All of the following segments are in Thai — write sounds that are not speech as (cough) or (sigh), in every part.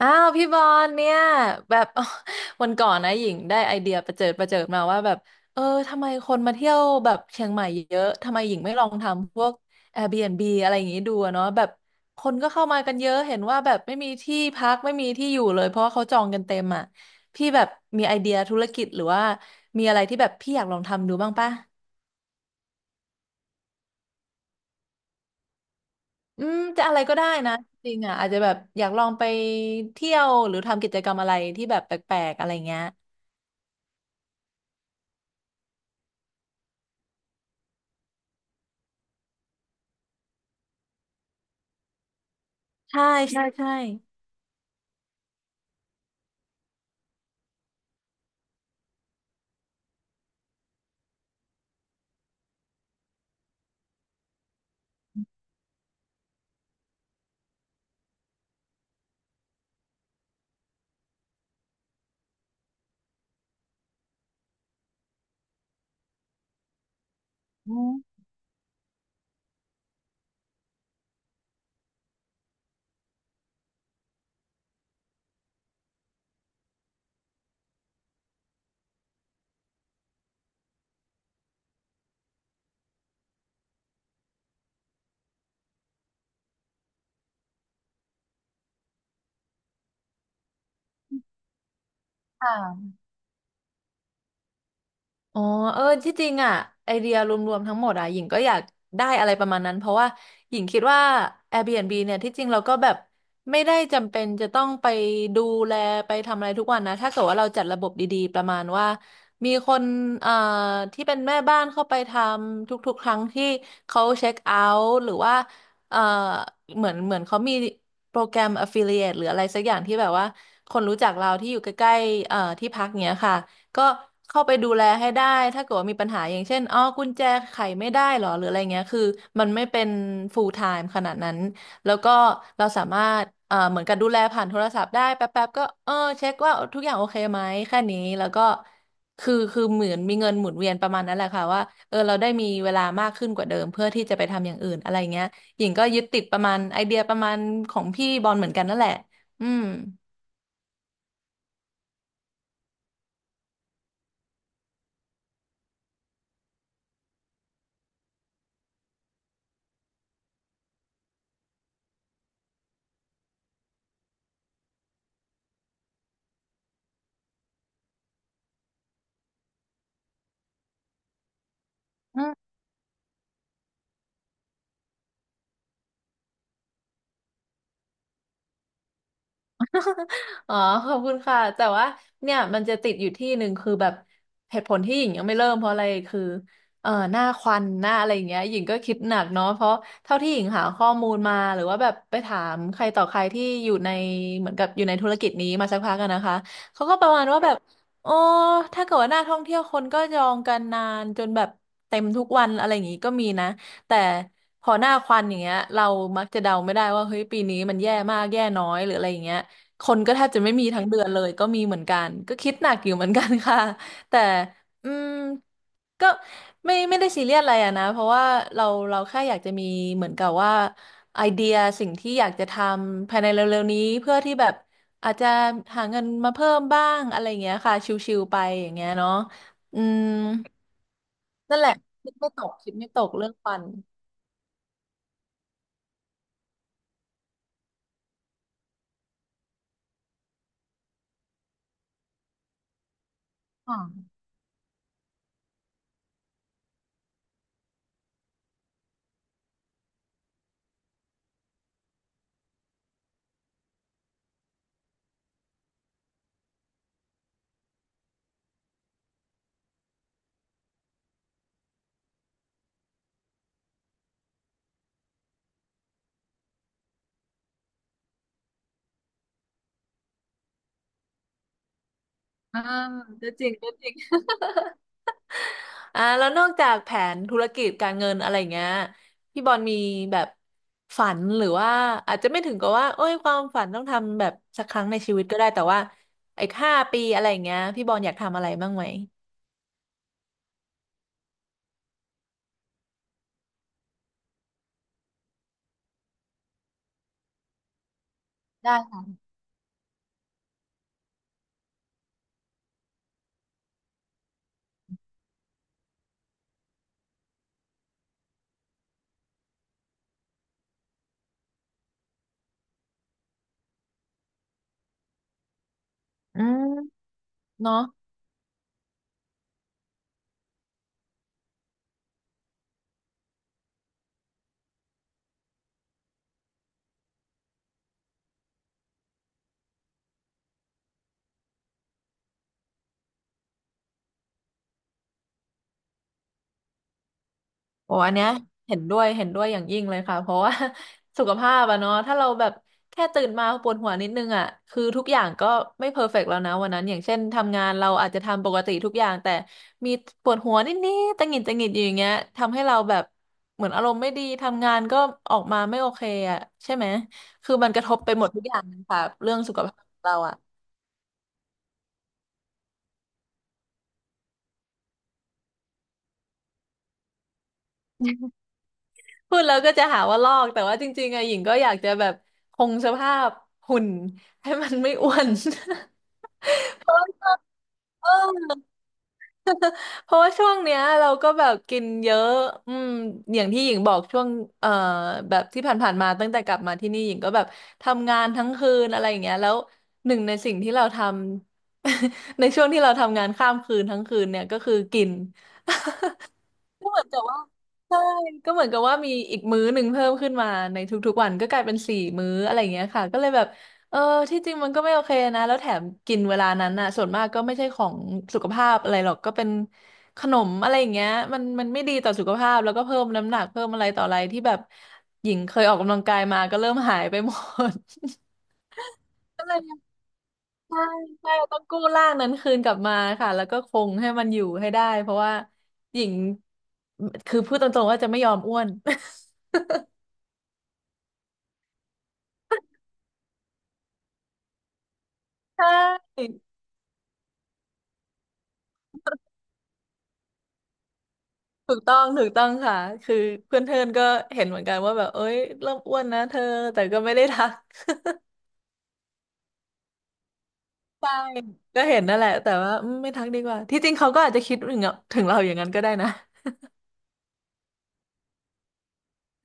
อ้าวพี่บอลเนี่ยแบบ (laughs) อ๋อวันก่อนนะหญิงได้ไอเดียประเจิดประเจิดมาว่าแบบเออทำไมคนมาเที่ยวแบบเชียงใหม่เยอะทำไมหญิงไม่ลองทำพวก Airbnb อะไรอย่างงี้ดูอะเนาะแบบคนก็เข้ามากันเยอะเห็นว่าแบบไม่มีที่พักไม่มีที่อยู่เลยเพราะว่าเขาจองกันเต็มอ่ะพี่แบบมีไอเดียธุรกิจหรือว่ามีอะไรที่แบบพี่อยากลองทำดูบ้างปะอืมจะอะไรก็ได้นะจริงอ่ะอาจจะแบบอยากลองไปเที่ยวหรือทำกิจกรรมอะไรที่แบบแปลกๆอะไรเงี้ย ใช่ใช่ใช่อืมค่ะ อ๋อ เออที่จริงอ่ะไอเดียรวมๆทั้งหมดอ่ะหญิงก็อยากได้อะไรประมาณนั้นเพราะว่าหญิงคิดว่า Airbnb เนี่ยที่จริงเราก็แบบไม่ได้จำเป็นจะต้องไปดูแลไปทำอะไรทุกวันนะถ้าเกิดว่าเราจัดระบบดีๆประมาณว่ามีคนเอ่อที่เป็นแม่บ้านเข้าไปทำทุกๆครั้งที่เขาเช็คเอาท์หรือว่าเอ่อเหมือนเขามีโปรแกรม Affiliate หรืออะไรสักอย่างที่แบบว่าคนรู้จักเราที่อยู่ใกล้ๆที่พักเนี้ยค่ะ ก็เข้าไปดูแลให้ได้ถ้าเกิดว่ามีปัญหาอย่างเช่นอ๋อกุญแจไขไม่ได้หรอหรืออะไรเงี้ยคือมันไม่เป็น full time ขนาดนั้นแล้วก็เราสามารถเหมือนกับดูแลผ่านโทรศัพท์ได้แป๊บๆก็เช็คว่าทุกอย่างโอเคไหมแค่นี้แล้วก็คือเหมือนมีเงินหมุนเวียนประมาณนั้นแหละค่ะว่าเออเราได้มีเวลามากขึ้นกว่าเดิมเพื่อที่จะไปทำอย่างอื่นอะไรเงี้ยหญิงก็ยึดติดประมาณไอเดียประมาณของพี่บอลเหมือนกันนั่นแหละอืม อ๋อขอบคุณค่ะแต่ว่าเนี่ยมันจะติดอยู่ที่หนึ่งคือแบบเหตุผลที่หญิงยังไม่เริ่มเพราะอะไรคือหน้าควันหน้าอะไรอย่างเงี้ยหญิงก็คิดหนักเนาะเพราะเท่าที่หญิงหาข้อมูลมาหรือว่าแบบไปถามใครต่อใครที่อยู่ในเหมือนกับอยู่ในธุรกิจนี้มาสักพักกันนะคะเขาก็ประมาณว่าแบบโอ้ถ้าเกิดว่าหน้าท่องเที่ยวคนก็จองกันนานจนแบบเต็มทุกวันอะไรอย่างงี้ก็มีนะแต่พอหน้าควันอย่างเงี้ยเรามักจะเดาไม่ได้ว่าเฮ้ยปีนี้มันแย่มากแย่น้อยหรืออะไรอย่างเงี้ย คนก็แทบจะไม่มีทั้งเดือนเลยก็มีเหมือนกันก็คิดหนักอยู่เหมือนกันค่ะ (laughs) แต่อืมก็ไม่ได้ซีเรียสอะไรอะนะเพราะว่าเราเราแค่อยากจะมีเหมือนกับว่าไอเดียสิ่งที่อยากจะทำภายในเร็วๆนี้เพื่อที่แบบอาจจะหาเงินมาเพิ่มบ้างอะไรอย่างเงี้ยค่ะชิวๆไปอย่างเงี้ยเนาะอืมนั่นแหละคิดไม่ตกคิดไม่ตกเรื่องฟันอ๋ออ่าก็จริงก็จริง อ่าแล้วนอกจากแผนธุรกิจการเงินอะไรอย่างเงี้ยพี่บอลมีแบบฝันหรือว่าอาจจะไม่ถึงกับว่าเอ้ยความฝันต้องทำแบบสักครั้งในชีวิตก็ได้แต่ว่าไอ้5 ปีอะไรอย่างเงี้ยพี่บอลอยากทำอะไรบ้างไหมได้ค่ะอืมเนาะ โอ้อันเนี้ยเห็นด้วยเห็นด้วยอย่างยิ่งเลยค่ะเพราะว่า (laughs) สุขภาพอะเนาะถ้าเราแบบแค่ตื่นมาปวดหัวนิดนึงอะคือทุกอย่างก็ไม่เพอร์เฟกต์แล้วนะวันนั้นอย่างเช่นทำงานเราอาจจะทำปกติทุกอย่างแต่มีปวดหัวนิดๆตะหงิดตะหงิดอยู่อย่างเงี้ยทำให้เราแบบเหมือนอารมณ์ไม่ดีทำงานก็ออกมาไม่โอเคอะใช่ไหมคือมันกระทบไปหมดทุกอย่างเลยค่ะเรื่องสุขภาพของเราอะพูดแล้วก็จะหาว่าลอกแต่ว่าจริงๆอะหญิงก็อยากจะแบบคงสภาพหุ่นให้มันไม่อ้วน (laughs) เออเพราะว่าช่วงเนี้ยเราก็แบบกินเยอะอืมอย่างที่หญิงบอกช่วงเอ่อแบบที่ผ่านๆมาตั้งแต่กลับมาที่นี่หญิงก็แบบทำงานทั้งคืนอะไรอย่างเงี้ยแล้วหนึ่งในสิ่งที่เราทำ (laughs) ในช่วงที่เราทำงานข้ามคืนทั้งคืนเนี่ยก็คือกิน ก็เหมือนกับว่าใช่ก็เหมือนกับว่ามีอีกมื้อหนึ่งเพิ่มขึ้นมาในทุกๆวันก็กลายเป็นสี่มื้ออะไรอย่างเงี้ยค่ะก็เลยแบบเออที่จริงมันก็ไม่โอเคนะแล้วแถมกินเวลานั้นน่ะส่วนมากก็ไม่ใช่ของสุขภาพอะไรหรอกก็เป็นขนมอะไรอย่างเงี้ยมันไม่ดีต่อสุขภาพแล้วก็เพิ่มน้ำหนักเพิ่มอะไรต่ออะไรที่แบบหญิงเคยออกกำลังกายมาก็เริ่มหายไปหมด (laughs) ก็เลย ใช่ใช่ต้องกู้ร่างนั้นคืนกลับมาค่ะแล้วก็คงให้มันอยู่ให้ได้เพราะว่าหญิงคือพูดตรงๆว่าจะไม่ยอมอ้วน (laughs) ใช่ถูกต้องถูกต้องค่ะคือเพื่อนเพื่อนก็เห็นเหมือนกันว่าแบบเอ้ยเริ่มอ้วนนะเธอแต่ก็ไม่ได้ทัก (laughs) ใช่ก็เห็นนั่นแหละแต่ว่าอืมไม่ทักดีกว่าที่จริงเขาก็อาจจะคิดถึงเราอย่างนั้นก็ได้นะ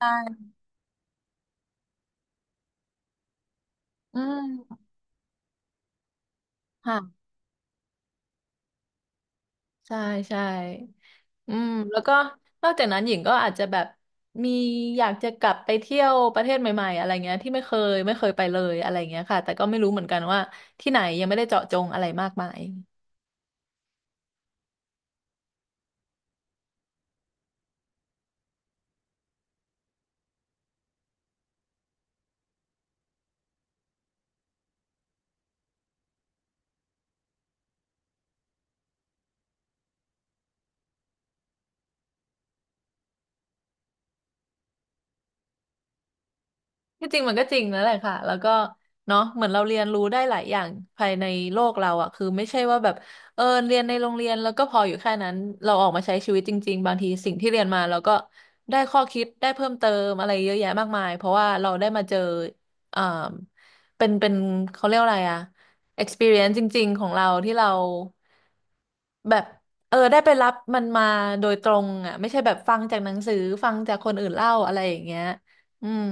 ใช่อืมค่ะ ใช่ใช่อืมแล้วก็นอกจากนั้นหญิงก็อาจจะแบบมีอยากจะกลับไปเที่ยวประเทศใหม่ๆอะไรเงี้ยที่ไม่เคยไปเลยอะไรเงี้ยค่ะแต่ก็ไม่รู้เหมือนกันว่าที่ไหนยังไม่ได้เจาะจงอะไรมากมาย ที่จริงมันก็จริงนั่นแหละค่ะแล้วก็เนาะเหมือนเราเรียนรู้ได้หลายอย่างภายในโลกเราอ่ะคือไม่ใช่ว่าแบบเรียนในโรงเรียนแล้วก็พออยู่แค่นั้นเราออกมาใช้ชีวิตจริงๆบางทีสิ่งที่เรียนมาเราก็ได้ข้อคิดได้เพิ่มเติมอะไรเยอะแยะมากมายเพราะว่าเราได้มาเจอเอ่อเป็นเขาเรียกว่าอะไรอ่ะ experience จริงๆของเราที่เราแบบได้ไปรับมันมาโดยตรงอ่ะไม่ใช่แบบฟังจากหนังสือฟังจากคนอื่นเล่าอะไรอย่างเงี้ยอืม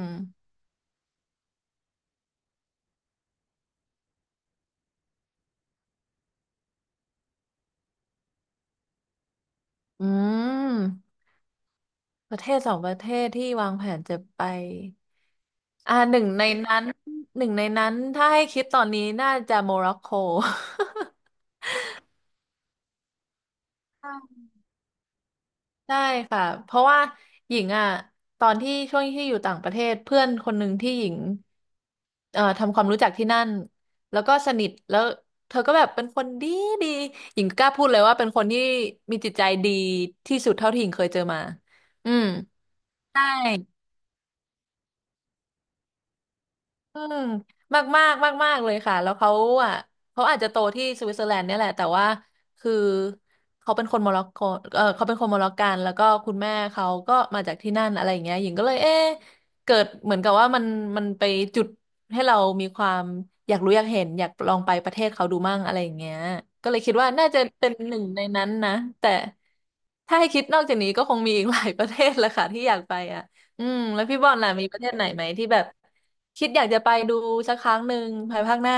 อืมประเทศสองประเทศที่วางแผนจะไปอ่าหนึ่งในนั้นหนึ่งในนั้นถ้าให้คิดตอนนี้น่าจะโมร็อกโก (laughs) ใช่ค่ะเพราะว่าหญิงอ่ะตอนที่ช่วงที่อยู่ต่างประเทศเพื่อนคนหนึ่งที่หญิงทำความรู้จักที่นั่นแล้วก็สนิทแล้วเธอก็แบบเป็นคนดีหญิงกล้าพูดเลยว่าเป็นคนที่มีจิตใจดีที่สุดเท่าที่หญิงเคยเจอมาอืมใช่ อืมมากมากมากมากๆเลยค่ะแล้วเขาอ่ะเขาอาจจะโตที่สวิตเซอร์แลนด์เนี่ยแหละแต่ว่าคือเขาเป็นคนโมร็อกโกเขาเป็นคนโมร็อกกันแล้วก็คุณแม่เขาก็มาจากที่นั่นอะไรอย่างเงี้ยหญิงก็เลยเอ๊ะเกิดเหมือนกับว่ามันมันไปจุดให้เรามีความอยากรู้อยากเห็นอยากลองไปประเทศเขาดูมั่งอะไรอย่างเงี้ยก็เลยคิดว่าน่าจะเป็นหนึ่งในนั้นนะแต่ถ้าให้คิดนอกจากนี้ก็คงมีอีกหลายประเทศแหละค่ะที่อยากไปอ่ะ อืมแล้วพี่บอลล่ะมีประเทศไหนไหมที่แบบคิดอยากจะไปดูสักครั้งหนึ่งภายภาคหน้า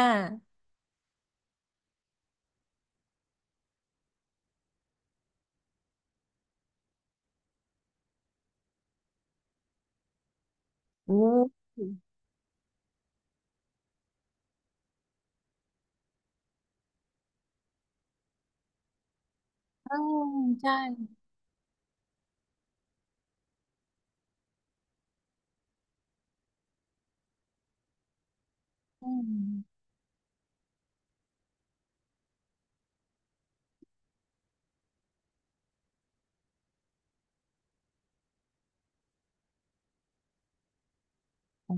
อืมอืมใช่อืมอ๋อ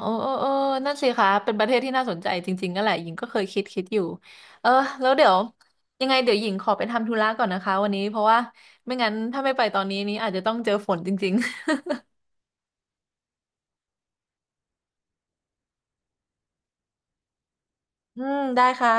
เออนั่นสิคะเป็นประเทศที่น่าสนใจจริงๆนั่นแหละหญิงก็เคยคิดอยู่เออแล้วเดี๋ยวยังไงเดี๋ยวหญิงขอไปทำธุระก่อนนะคะวันนี้เพราะว่าไม่งั้นถ้าไม่ไปตอนนี้นี้อาจจะต้องเจอฝนจริงๆ (laughs) อืมได้ค่ะ